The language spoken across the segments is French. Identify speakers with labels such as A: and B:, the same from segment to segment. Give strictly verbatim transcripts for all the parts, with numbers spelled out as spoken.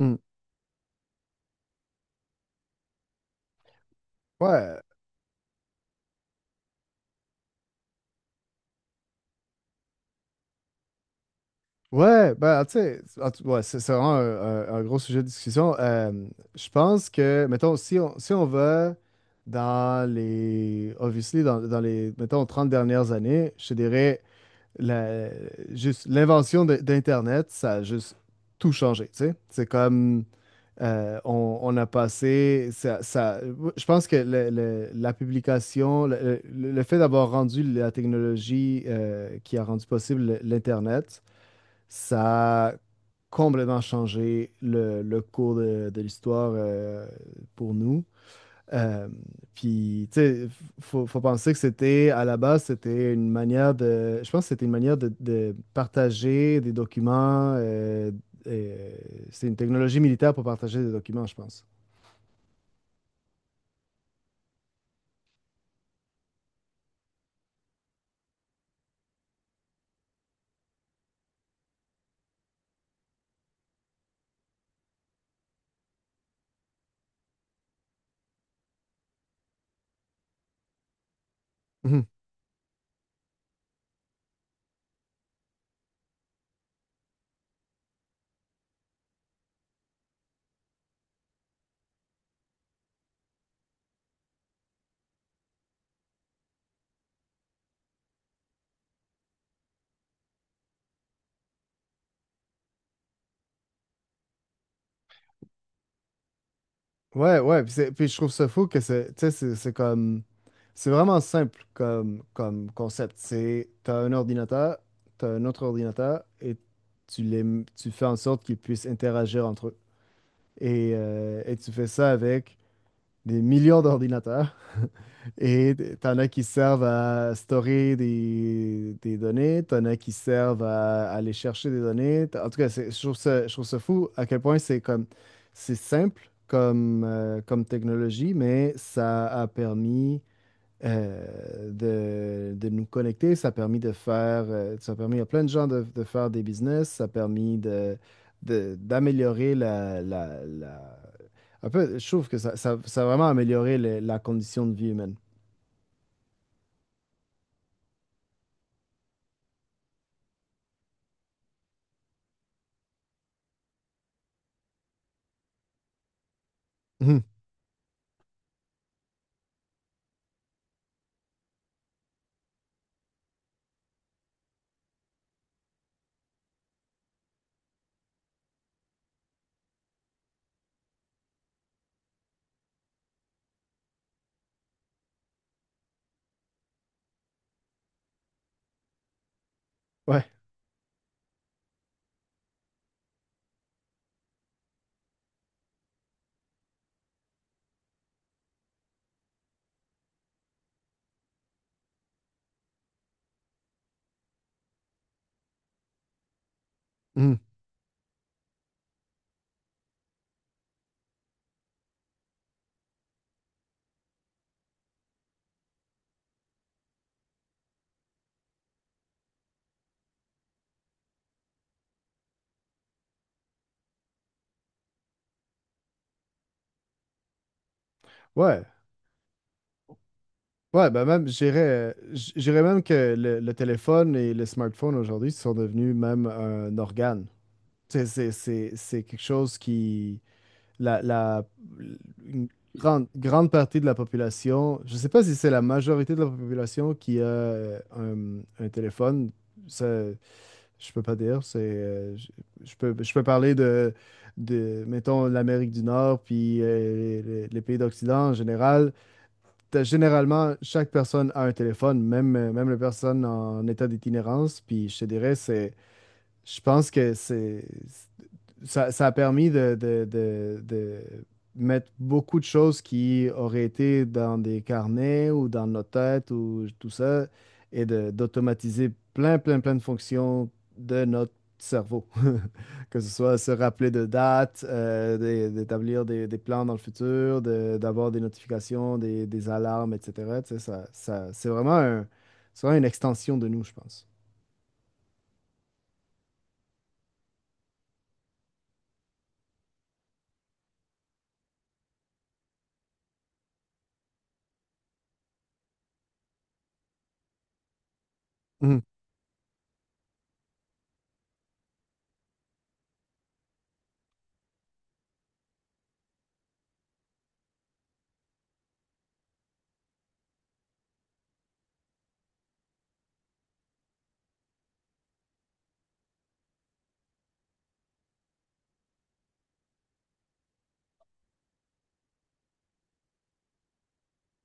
A: Mm. Ouais, ouais, ben, tu sais, en tout- ouais, c'est c'est vraiment un, un- un gros sujet de discussion. Euh, je pense que, mettons, si on, si on va dans les, obviously, dans, dans les, mettons, trente dernières années, je te dirais, la, juste l'invention de- d'Internet, ça a juste tout changé, tu sais. C'est comme, euh, on, on a passé, ça, ça- je pense que le- le- la publication, le, le- le fait d'avoir rendu la technologie euh, qui a rendu possible l'Internet. Ça a complètement changé le, le cours de, de l'histoire euh, pour nous. Euh, puis, tu sais, faut, faut penser que c'était, à la base, c'était une manière de, je pense que c'était une manière de, de partager des documents. euh, euh, c'est une technologie militaire pour partager des documents, je pense. Ouais, ouais, puis, c'est- puis je trouve ça fou que c'est, tu sais, c'est c'est comme, c'est vraiment simple comme, comme concept. C'est, t'as un ordinateur, t'as un autre ordinateur, et tu les, m- tu fais en sorte qu'ils puissent interagir entre eux. Et, euh, et tu fais ça avec des millions d'ordinateurs. Et t'en as qui servent à stocker des, des données, t'en as qui servent à, à aller chercher des données. En tout cas, c'est- je trouve ça, je trouve ça fou à quel point c'est comme c'est simple comme, euh, comme technologie, mais ça a permis euh, de, de nous connecter, ça a permis de faire, euh, ça a permis à plein de gens de, de faire des business, ça a permis de, de- d'améliorer la, la, la- un peu, je trouve que ça, ça, ça a vraiment amélioré le- la condition de vie humaine. Mhm. Ouais. Mhm. Ouais. Ouais, ben même, je dirais euh, je dirais même que le, le téléphone et le smartphone aujourd'hui sont devenus même un organe. Tu sais, c'est, c'est, c'est quelque chose qui, la, la, une grande, grande partie de la population, je ne sais pas si c'est la majorité de la population qui a euh, un, un téléphone. Ça, je peux pas dire, c'est euh, je, je peux je peux parler de de mettons l'Amérique du Nord puis euh, les, les- les pays d'Occident en général. T'as- généralement, chaque personne a un téléphone, même, même les personnes en état d'itinérance. Puis je te dirais, c'est je pense que c'est ça, ça a permis de, de- de- de mettre beaucoup de choses qui auraient été dans des carnets ou dans nos têtes ou tout ça, et de- d'automatiser plein, plein, plein de fonctions de notre cerveau. Que ce soit se rappeler de dates, euh, d'é- d'établir des, des plans dans le futur, de- d'avoir des notifications, des, des alarmes, et cetera. Tu sais, ça, ça- c'est vraiment un- c'est vraiment une extension de nous, je pense. Mhm.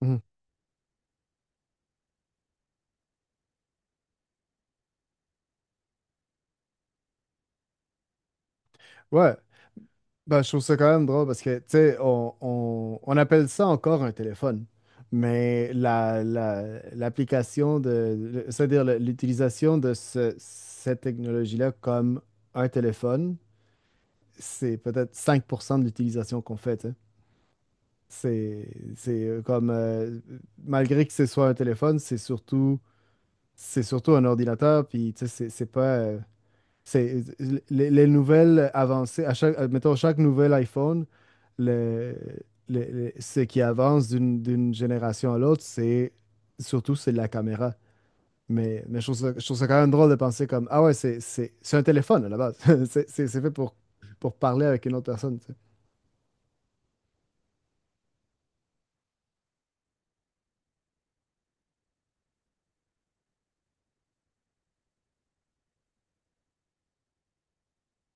A: Mhm. Ouais. Ben, je trouve ça quand même drôle parce que, tu sais, on, on- on appelle ça encore un téléphone, mais la, la- l'application de, le- c'est-à-dire le- l'utilisation de ce- cette technologie-là comme un téléphone, c'est peut-être cinq pour cent de l'utilisation qu'on fait, tu sais. C'est, c'est euh, comme, euh, malgré que ce soit un téléphone, c'est surtout, c'est surtout un ordinateur, puis, tu sais, c'est c'est pas... euh, c'est les, les nouvelles avancées, à chaque, mettons, chaque nouvel iPhone, le, le- le- ce qui avance d'une d'une génération à l'autre, c'est surtout c'est la caméra. Mais, mais je trouve ça, je trouve ça quand même drôle de penser comme, ah ouais, c'est c'est- c'est un téléphone à la base. C'est c'est- c'est fait pour, pour parler avec une autre personne, tu sais.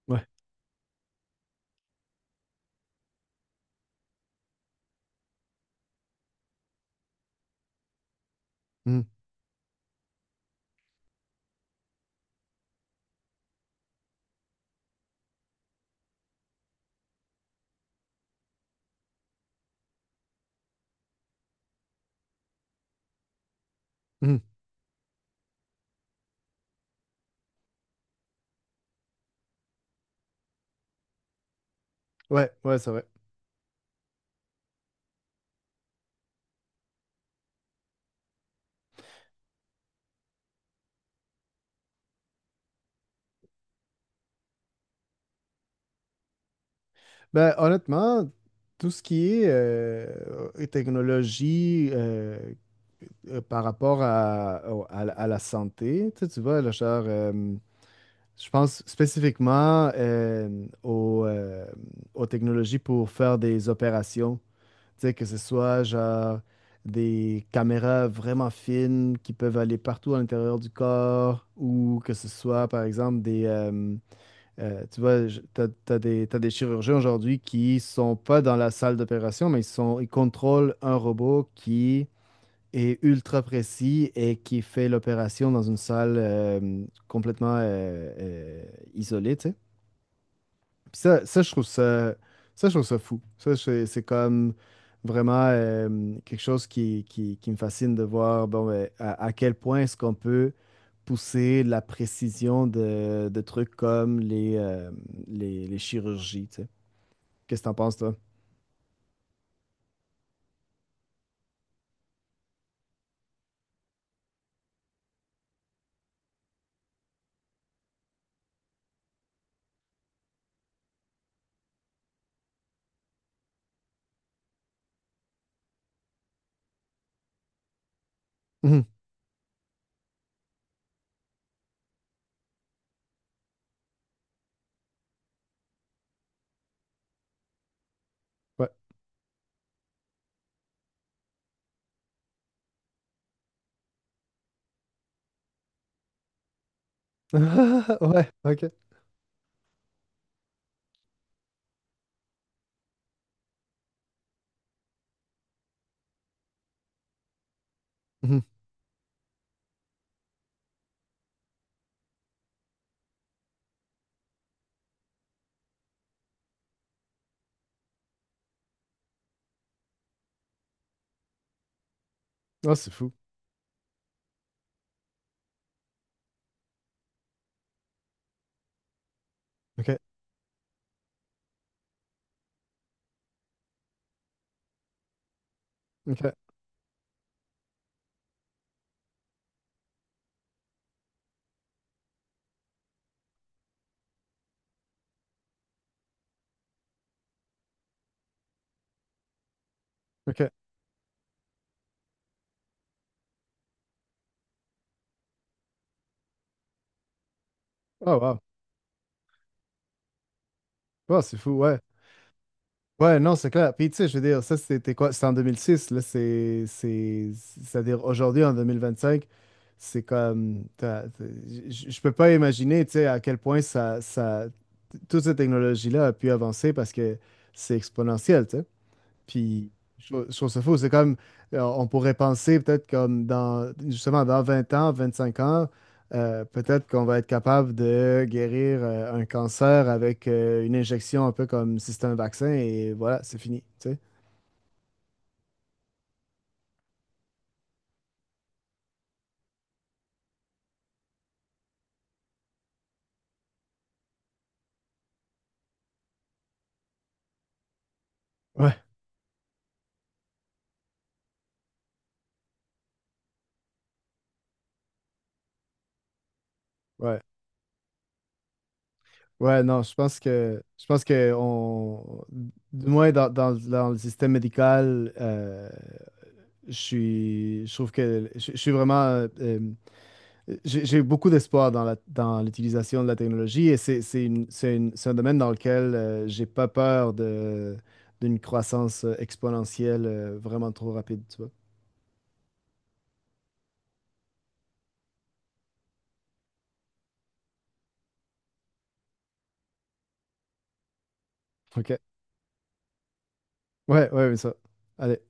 A: Ouais. Mhm. Mhm. Ouais, ouais, c'est vrai. Ben, honnêtement, tout ce qui est euh, technologie, euh, euh, par rapport à, au- à, la à la santé, tu sais, tu vois, là, genre, euh, je pense spécifiquement euh, aux, euh, aux technologies pour faire des opérations, tu sais, que ce soit genre des caméras vraiment fines qui peuvent aller partout à l'intérieur du corps ou que ce soit, par exemple, des, euh, euh, tu vois, je- t'as, t'as des, t'as des chirurgiens aujourd'hui qui sont pas dans la salle d'opération, mais ils sont, ils contrôlent un robot qui et ultra précis et qui fait l'opération dans une salle euh, complètement euh, euh, isolée, tu sais. Puis ça, ça, je trouve ça, ça, je trouve ça fou. Ça, c'est c'est comme vraiment euh, quelque chose qui, qui, qui me fascine de voir bon, ben, à, à quel point est-ce qu'on peut pousser la précision de, de trucs comme les, euh, les, les chirurgies, tu sais. Qu'est-ce que t'en penses, toi? Mhm. Ouais. Ouais, ok. Mhm. Ah, c'est fou. Ok, ok, ok. Oh, wow. Ouais, c'est fou, ouais. Ouais, non, c'est clair. Puis, tu sais, je veux dire, ça, c'était quoi? C'était en deux mille six, là, c'est... c'est- c'est-à-dire, aujourd'hui, en deux mille vingt-cinq, c'est comme... t'as- t'as- je je peux pas imaginer, tu sais, à quel point ça, ça... toute cette technologie-là a pu avancer parce que c'est exponentiel, tu sais. Puis, je trouve je trouve ça fou. C'est comme, euh, on pourrait penser peut-être comme dans, justement, dans vingt ans, vingt-cinq ans, euh, peut-être qu'on va être capable de guérir euh, un cancer avec euh, une injection un peu comme si c'était un vaccin et voilà, c'est fini, tu sais. Ouais, ouais. Ouais, non, je pense que, je pense que on, du moins dans, dans- dans le système médical, euh, je suis, je trouve que je, je suis vraiment euh, j'ai j'ai beaucoup d'espoir dans la- dans l'utilisation de la technologie et c'est c'est une- c'est une- c'est un domaine dans lequel euh, j'ai pas peur de, d'une croissance euh, exponentielle euh, vraiment trop rapide, tu vois. OK. Ouais, ouais, mais ça. Allez.